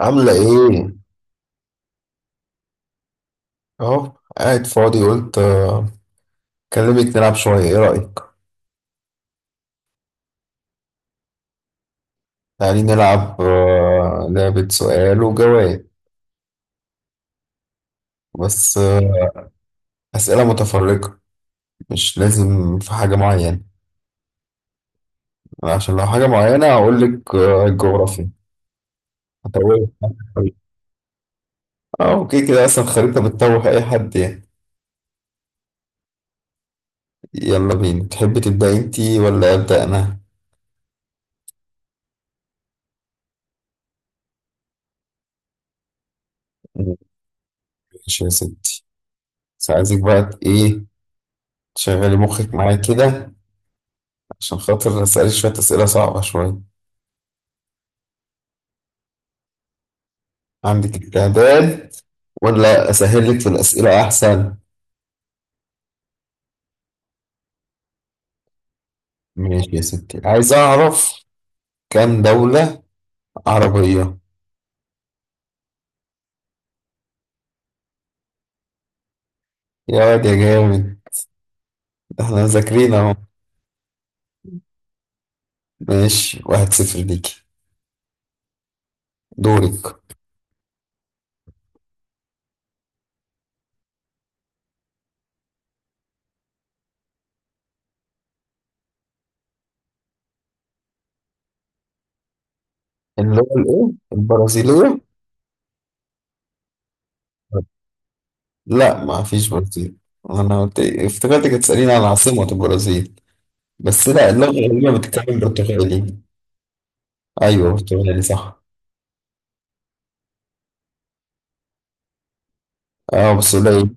عاملة إيه؟ أهو قاعد فاضي، قلت أكلمك نلعب شوية، إيه رأيك؟ تعالي نلعب لعبة سؤال وجواب، بس أسئلة متفرقة، مش لازم في حاجة معينة، عشان لو حاجة معينة هقولك. الجغرافيا هتوه. أه أوكي، كده أصلا الخريطة بتتوه أي حد يعني. يلا بينا، تحبي تبدأي أنتي ولا أبدأ أنا؟ ماشي يا ستي، بس عايزك بقى إيه، تشغلي مخك معايا كده، عشان خاطر أسألك شوية أسئلة صعبة شوية. عندك استعداد ولا أسهل لك في الأسئلة أحسن؟ ماشي يا ستي، عايز أعرف كام دولة عربية. يا واد يا جامد، احنا مذاكرين أهو. ماشي، واحد صفر ليكي. دورك. اللي هو الإيه؟ البرازيلية؟ لا ما فيش برازيل. أنا قلت إيه؟ افتكرتك هتسأليني عن عاصمة البرازيل، بس لا، اللغة الغربية بتتكلم برتغالي. أيوه برتغالي صح. أه بس قليل.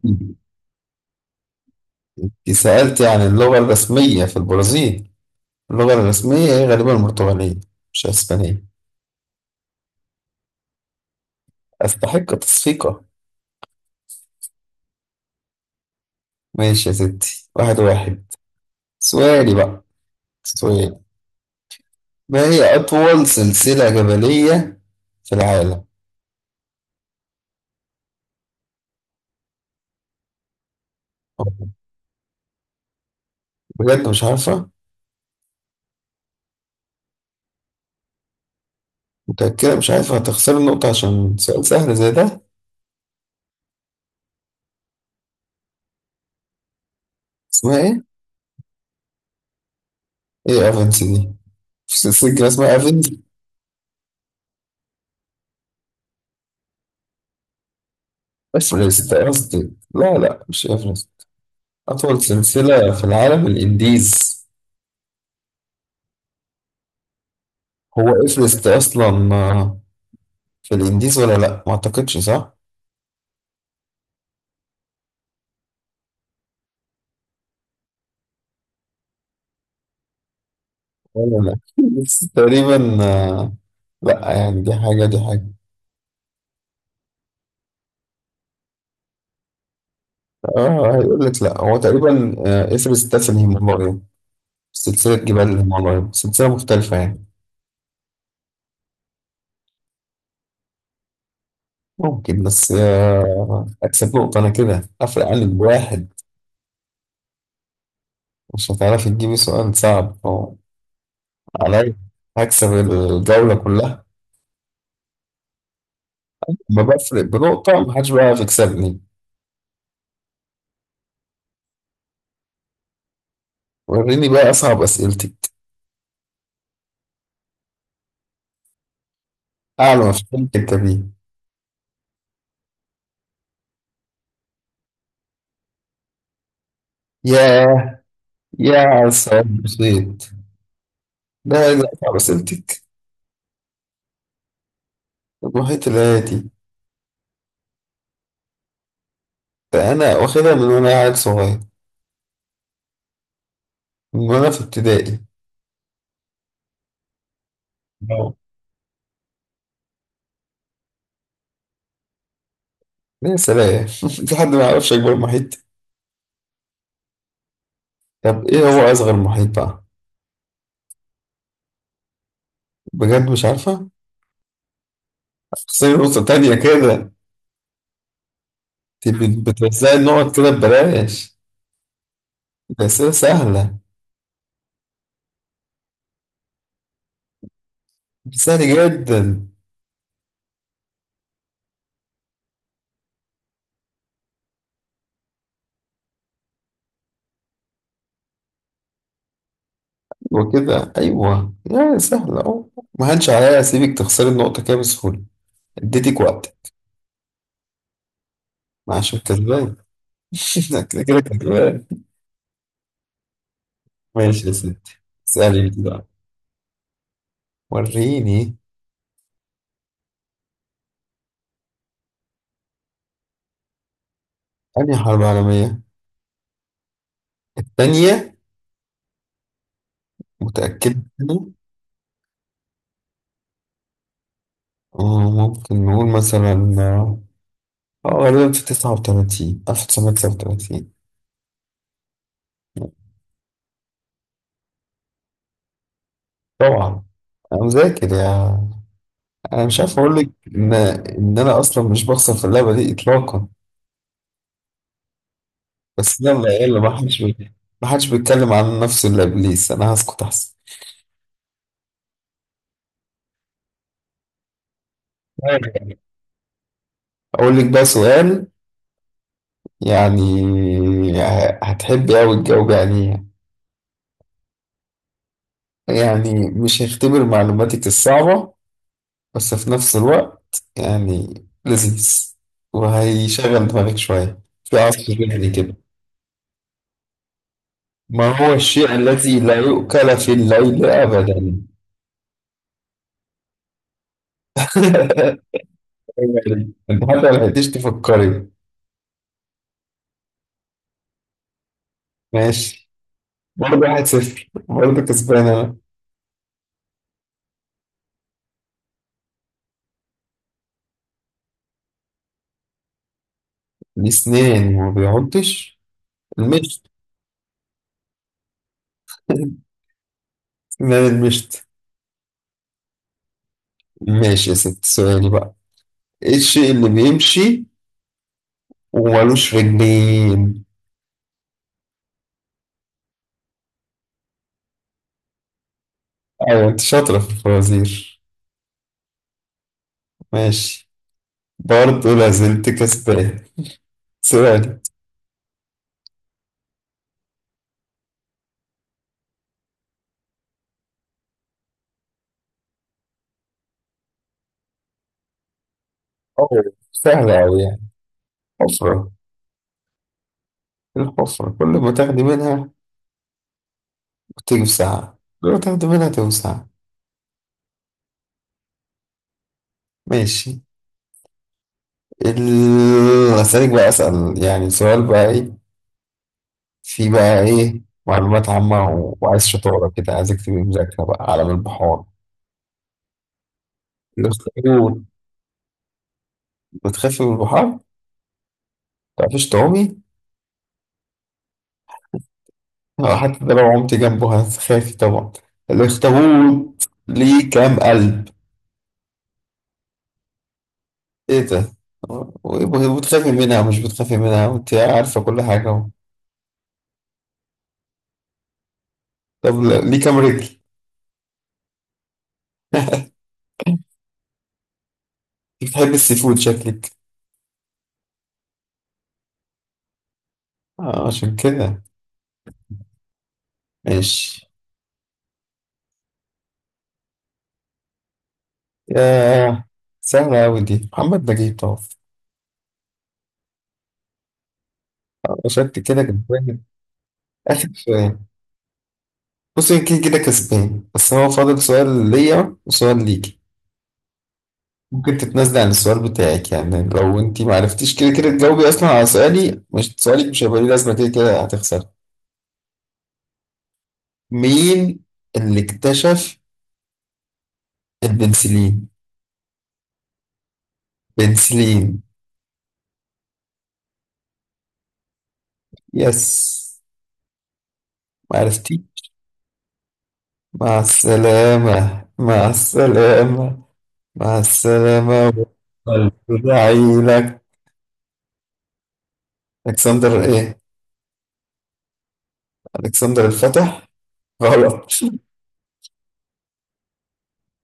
أنت سألتي عن اللغة الرسمية في البرازيل، اللغة الرسمية هي غالبا البرتغالية، مش أسبانية. أستحق تصفيقة. ماشي يا ستي، واحد واحد. سؤالي بقى، سؤال. ما هي أطول سلسلة جبلية في العالم؟ بجد مش عارفة؟ متأكدة مش عارفة؟ هتخسر النقطة عشان سؤال سهل زي ده. اسمها إيه؟ إيه أفنس دي؟ في سلسلة جبال اسمها أفنس؟ أفرست قصدي، لا لا مش أفرست. أطول سلسلة في العالم الإنديز. هو إفرست أصلا في الانديز ولا لا؟ ما اعتقدش صح. ولا لا بس تقريبا، لا يعني دي حاجه دي حاجه. اه هيقول لك. لا هو تقريبا اسم سلسله الهيمالايا، سلسله جبال الهيمالايا سلسله مختلفه يعني. ممكن، بس اكسب نقطه انا كده، افرق عنك بواحد. مش هتعرفي تجيبي سؤال صعب أو عليا. هكسب الجوله كلها. ما بفرق بنقطه، محدش بقى يكسبني. وريني بقى اصعب اسئلتك، اعلى ما فهمت انت بيه. ياه يا سعد، بسيط. لا لا، صعب سألتك. المحيط الهادي. ده أنا واخدها من وأنا عيل صغير، من وأنا في ابتدائي. أوه. يا سلام في حد ما يعرفش أكبر محيط؟ طب إيه هو أصغر محيط بقى؟ بجد مش عارفة؟ خسري نقطة تانية كده. أنت بتوزعي النقط كده ببلاش، ده أسئلة سهلة. سهل جدا. وكده أيوه يا سهلة أهو، ما هنش عليها أسيبك تخسري النقطة كده بسهولة، اديتك وقت. عشان كسبان. كده كده كده. ماشي يا ستي، اسألي انت بقى. وريني. أنهي حرب عالمية؟ التانية؟ متأكد منها؟ ممكن نقول مثلا، اه غالبا في 39 1939. طبعا، أنا مذاكر يا، أنا مش عارف أقول لك إن أنا أصلا مش بخسر في اللعبة دي إطلاقا. بس يلا يلا، ما حدش بيتكلم عن نفسه إلا إبليس، أنا هسكت أحسن. أقول لك بقى سؤال، يعني، هتحبي أوي الجو يعني، يعني مش هيختبر معلوماتك الصعبة، بس في نفس الوقت يعني لذيذ، وهيشغل دماغك شوية في عصف ذهني كده. ما هو الشيء الذي لا يؤكل في الليل أبدا؟ يعني أنت حتى ما لحقتيش تفكري. ماشي، برضه واحد صفر، برضه كسبان أنا. الأسنان ما بيعضش، المشط. أسنان المشط. ماشي يا ست، سؤالي بقى، ايه الشيء اللي بيمشي ومالوش رجلين؟ ايوه انت شاطرة في الفوازير. ماشي، برضه لازلت كسبان. سؤالي. أوه، سهلة أوي يعني، حفرة. إيه، الحفرة كل ما تاخدي منها بتوسع، كل ما تاخدي منها توسع. ماشي. ال... أسألك بقى، أسأل يعني سؤال بقى إيه، في بقى إيه معلومات عامة، وعايز شطارة كده، عايزك تبقي مذاكرة بقى عالم البحار. الاخطبوط. بتخافي من البحار؟ متعرفيش تعومي؟ حتى ده لو عمت جنبه هتخافي طبعا. الاخطبوط ليه كام قلب؟ ايه ده، وبتخافي منها؟ مش بتخافي منها وانت عارفة كل حاجة اهو. طب ليه كام رجل؟ بتحب السي فود شكلك. آه عشان كده. ماشي. يا، سهلة أوي دي، محمد نجيب طبعا. شكلك كده كسبان. آخر سؤال. بصي، يمكن كده كسبان بس هو فاضل سؤال ليا وسؤال ليك. ممكن تتنازلي عن السؤال بتاعك، يعني لو انت ما عرفتيش كده كده تجاوبي اصلا على سؤالي مش سؤالك، مش هيبقى ليه لازمه، كده كده هتخسري. مين اللي اكتشف البنسلين؟ بنسلين. يس، ما عرفتي؟ مع السلامة، مع السلامة، مع السلامة. عيلك. الكسندر ايه؟ الكسندر الفتح. غلط.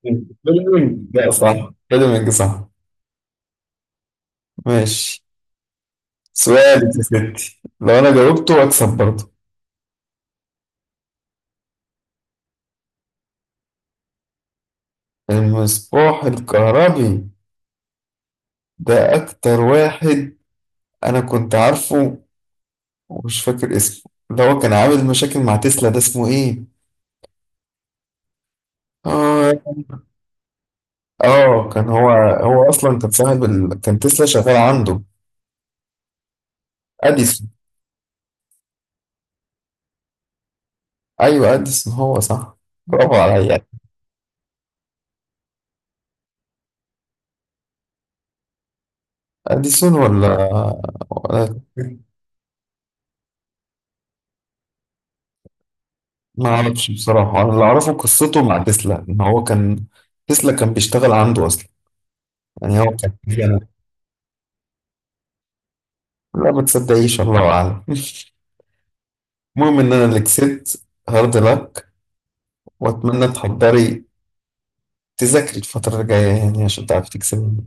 فيلمينج ده صح، فيلمينج صح. ماشي، سؤالك يا ستي، لو أنا جاوبته أكسب برضه. المصباح الكهربي. ده أكتر واحد أنا كنت عارفه ومش فاكر اسمه، اللي هو كان عامل مشاكل مع تسلا، ده اسمه إيه؟ آه. كان هو، هو أصلا كان صاحب كان تسلا شغال عنده. أديسون. أيوه أديسون هو صح. برافو عليا. أديسون، ولا ما أعرفش بصراحة. أنا اللي أعرفه قصته مع تسلا، إن هو كان، تسلا كان بيشتغل عنده أصلا، يعني هو كان في انا. لا ما تصدقيش، الله اعلم. المهم ان انا اللي كسبت، هارد لك، واتمنى تحضري، تذاكري الفترة الجاية يعني عشان تعرفي تكسبي.